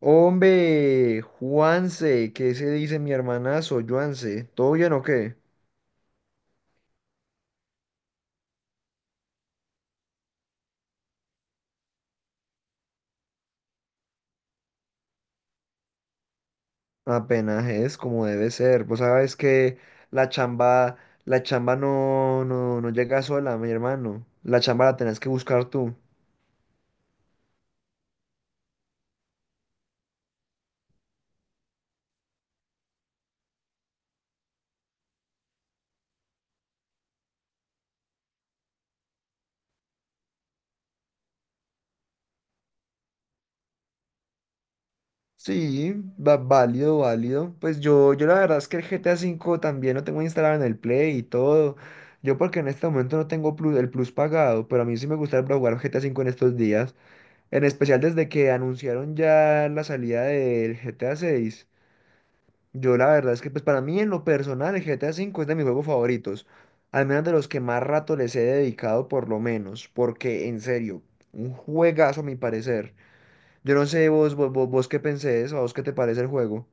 Hombre, Juanse, ¿qué se dice mi hermanazo, Juanse? ¿Todo bien o qué? Apenas es como debe ser. Vos sabes que la chamba, la chamba no llega sola, mi hermano. La chamba la tenés que buscar tú. Sí, válido, válido. Pues yo la verdad es que el GTA V también lo tengo instalado en el Play y todo. Yo porque en este momento no tengo el plus pagado, pero a mí sí me gustaría jugar GTA V en estos días. En especial desde que anunciaron ya la salida del GTA 6. Yo la verdad es que pues para mí en lo personal el GTA 5 es de mis juegos favoritos. Al menos de los que más rato les he dedicado por lo menos. Porque en serio, un juegazo a mi parecer. Yo no sé vos qué pensés o a vos qué te parece el juego.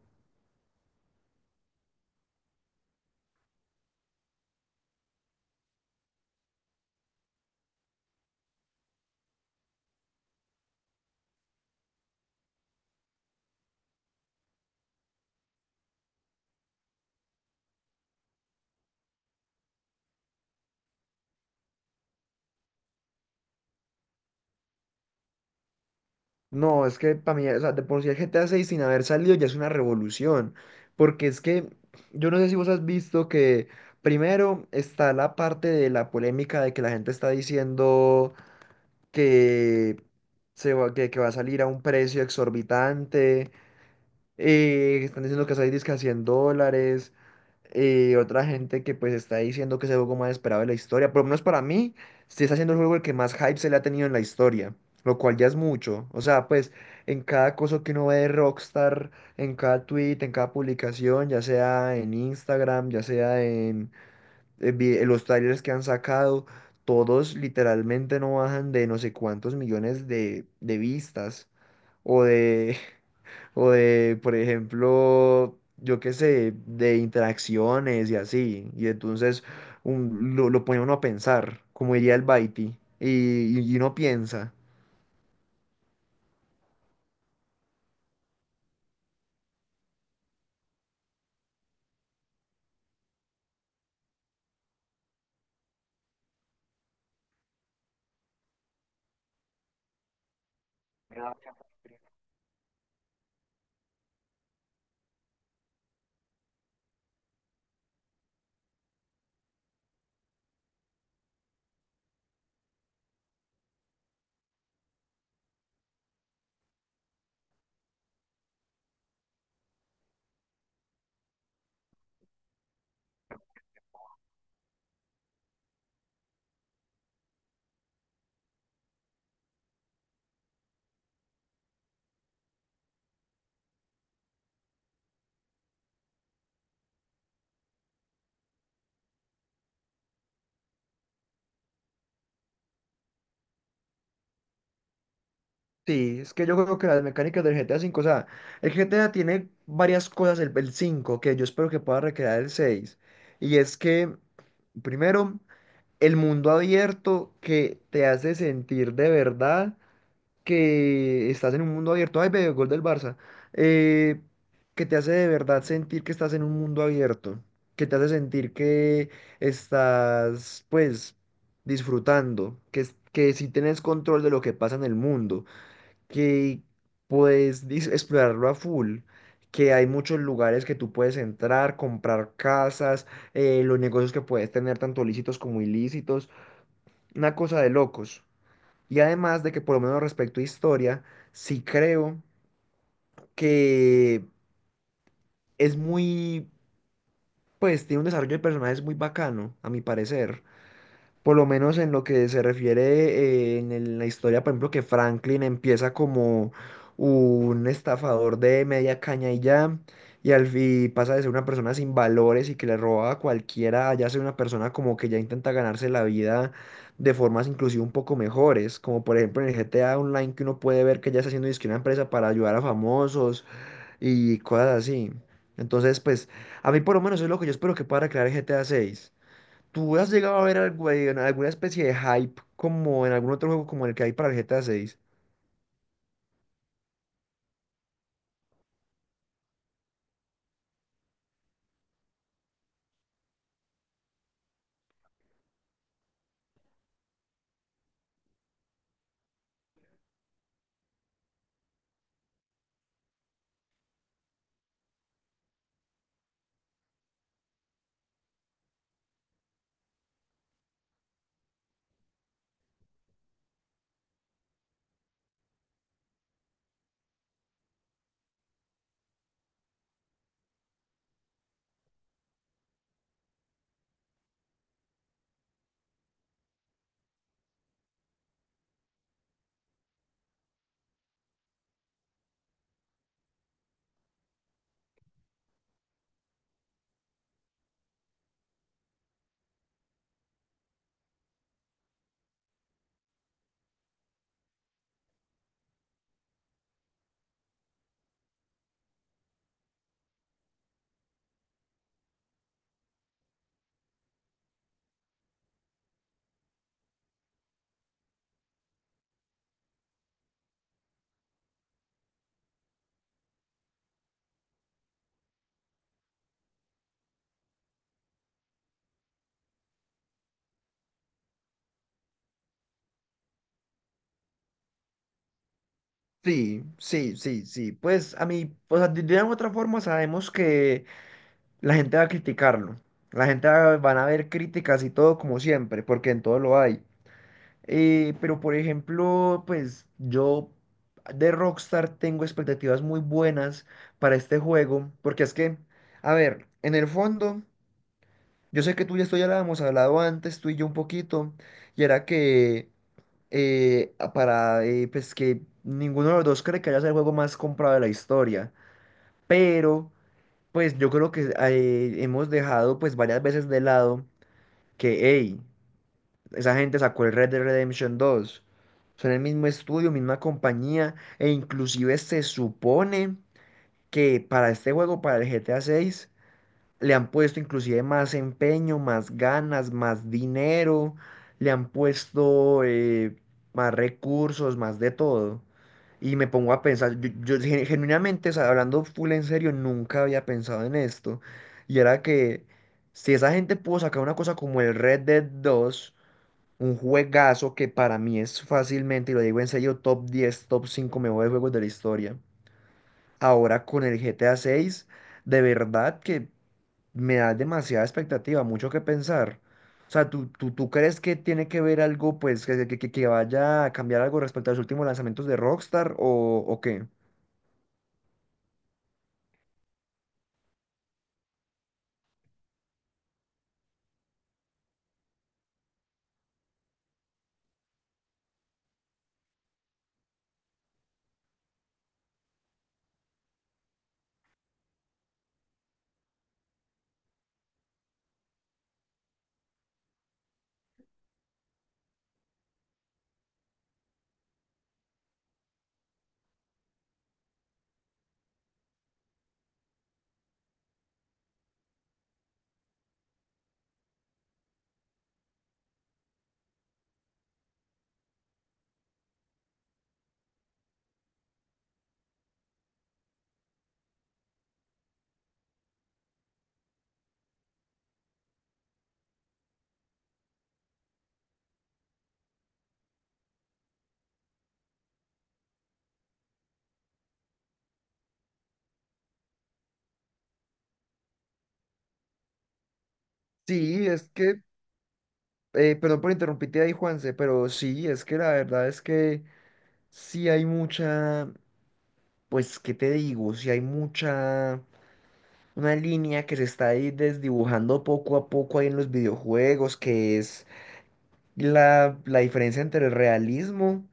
No, es que para mí, o sea, de por sí el G T A 6 sin haber salido ya es una revolución, porque es que yo no sé si vos has visto que primero está la parte de la polémica de que la gente está diciendo que, que va a salir a un precio exorbitante, están diciendo que esa disque a $100. Y otra gente que pues está diciendo que es el juego más esperado de la historia. Por lo menos para mí, sí está siendo el juego el que más hype se le ha tenido en la historia. Lo cual ya es mucho. O sea, pues en cada cosa que uno ve de Rockstar, en cada tweet, en cada publicación, ya sea en Instagram, ya sea en los trailers que han sacado, todos literalmente no bajan de no sé cuántos millones de vistas o de, o de, por ejemplo, yo qué sé, de interacciones y así. Y entonces lo pone uno a pensar, como diría el Baiti. Y uno piensa. Sí, es que yo creo que las mecánicas del GTA V, o sea, el GTA tiene varias cosas, el 5 que yo espero que pueda recrear el seis. Y es que, primero, el mundo abierto que te hace sentir de verdad que estás en un mundo abierto. Ay, ve, gol del Barça. Eh, que te hace de verdad sentir que estás en un mundo abierto. Que te hace sentir que estás, pues, disfrutando. Que si tienes control de lo que pasa en el mundo. Que puedes explorarlo a full. Que hay muchos lugares que tú puedes entrar, comprar casas, los negocios que puedes tener, tanto lícitos como ilícitos, una cosa de locos. Y además de que por lo menos respecto a historia, sí creo que es muy, pues tiene un desarrollo de personajes muy bacano, a mi parecer. Por lo menos en lo que se refiere la historia, por ejemplo, que Franklin empieza como un estafador de media caña y ya, y al fin pasa de ser una persona sin valores y que le roba a cualquiera, a ya ser una persona como que ya intenta ganarse la vida de formas inclusive un poco mejores, como por ejemplo en el GTA Online que uno puede ver que ya está haciendo dizque una empresa para ayudar a famosos y cosas así. Entonces, pues, a mí por lo menos es lo que yo espero que pueda crear GTA seis. ¿Tú has llegado a ver algo, en alguna especie de hype como en algún otro juego como el que hay para el GTA 6? Sí, sí, sí, sí. Pues a mí, o sea, de una u otra forma sabemos que la gente va a criticarlo. La gente van a ver críticas y todo como siempre, porque en todo lo hay. Pero por ejemplo, pues yo de Rockstar tengo expectativas muy buenas para este juego, porque es que, a ver, en el fondo. Yo sé que tú y esto ya lo habíamos hablado antes, tú y yo un poquito, y era que a- para pues que ninguno de los dos cree que haya sido el juego más comprado de la historia, pero pues yo creo que hemos dejado pues varias veces de lado que, hey, esa gente sacó el Red Dead Redemption dos, son el mismo estudio, misma compañía, e inclusive se supone que para este juego, para el GTA 6, le han puesto inclusive más empeño, más ganas, más dinero, le han puesto más recursos, más de todo. Y me pongo a pensar, yo, genuinamente, o sea, hablando full en serio, nunca había pensado en esto. Y era que si esa gente pudo sacar una cosa como el Red Dead dos, un juegazo que para mí es fácilmente, y lo digo en serio, top 10 top 5 mejores juegos de la historia. Ahora con el GTA 6, de verdad que me da demasiada expectativa, mucho que pensar. O sea, ¿tú crees que tiene que ver algo, pues, que vaya a cambiar algo respecto a los últimos lanzamientos de Rockstar o qué? Sí, es que, perdón por interrumpirte ahí, Juanse, pero sí, es que la verdad es que sí hay mucha, pues, ¿qué te digo? Sí hay mucha, una línea que se está ahí desdibujando poco a poco ahí en los videojuegos, que es la diferencia entre el realismo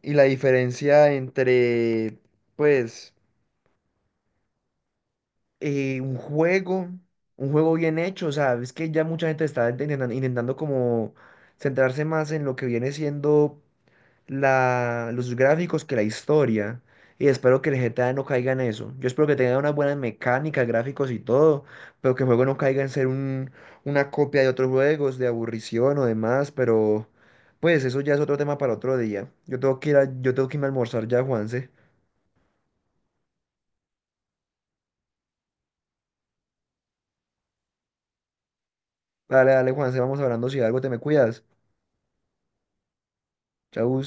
y la diferencia entre, pues, eh, un juego, un juego bien hecho, o sea, es que ya mucha gente está intentando como centrarse más en lo que viene siendo los gráficos que la historia. Y espero que el GTA no caiga en eso. Yo espero que tenga unas buenas mecánicas, gráficos y todo, pero que el juego no caiga en ser una copia de otros juegos, de aburrición o demás, pero pues eso ya es otro tema para otro día. Yo tengo que irme a almorzar ya, Juanse. Dale, dale, Juanse, vamos hablando si algo te me cuidas. Chau.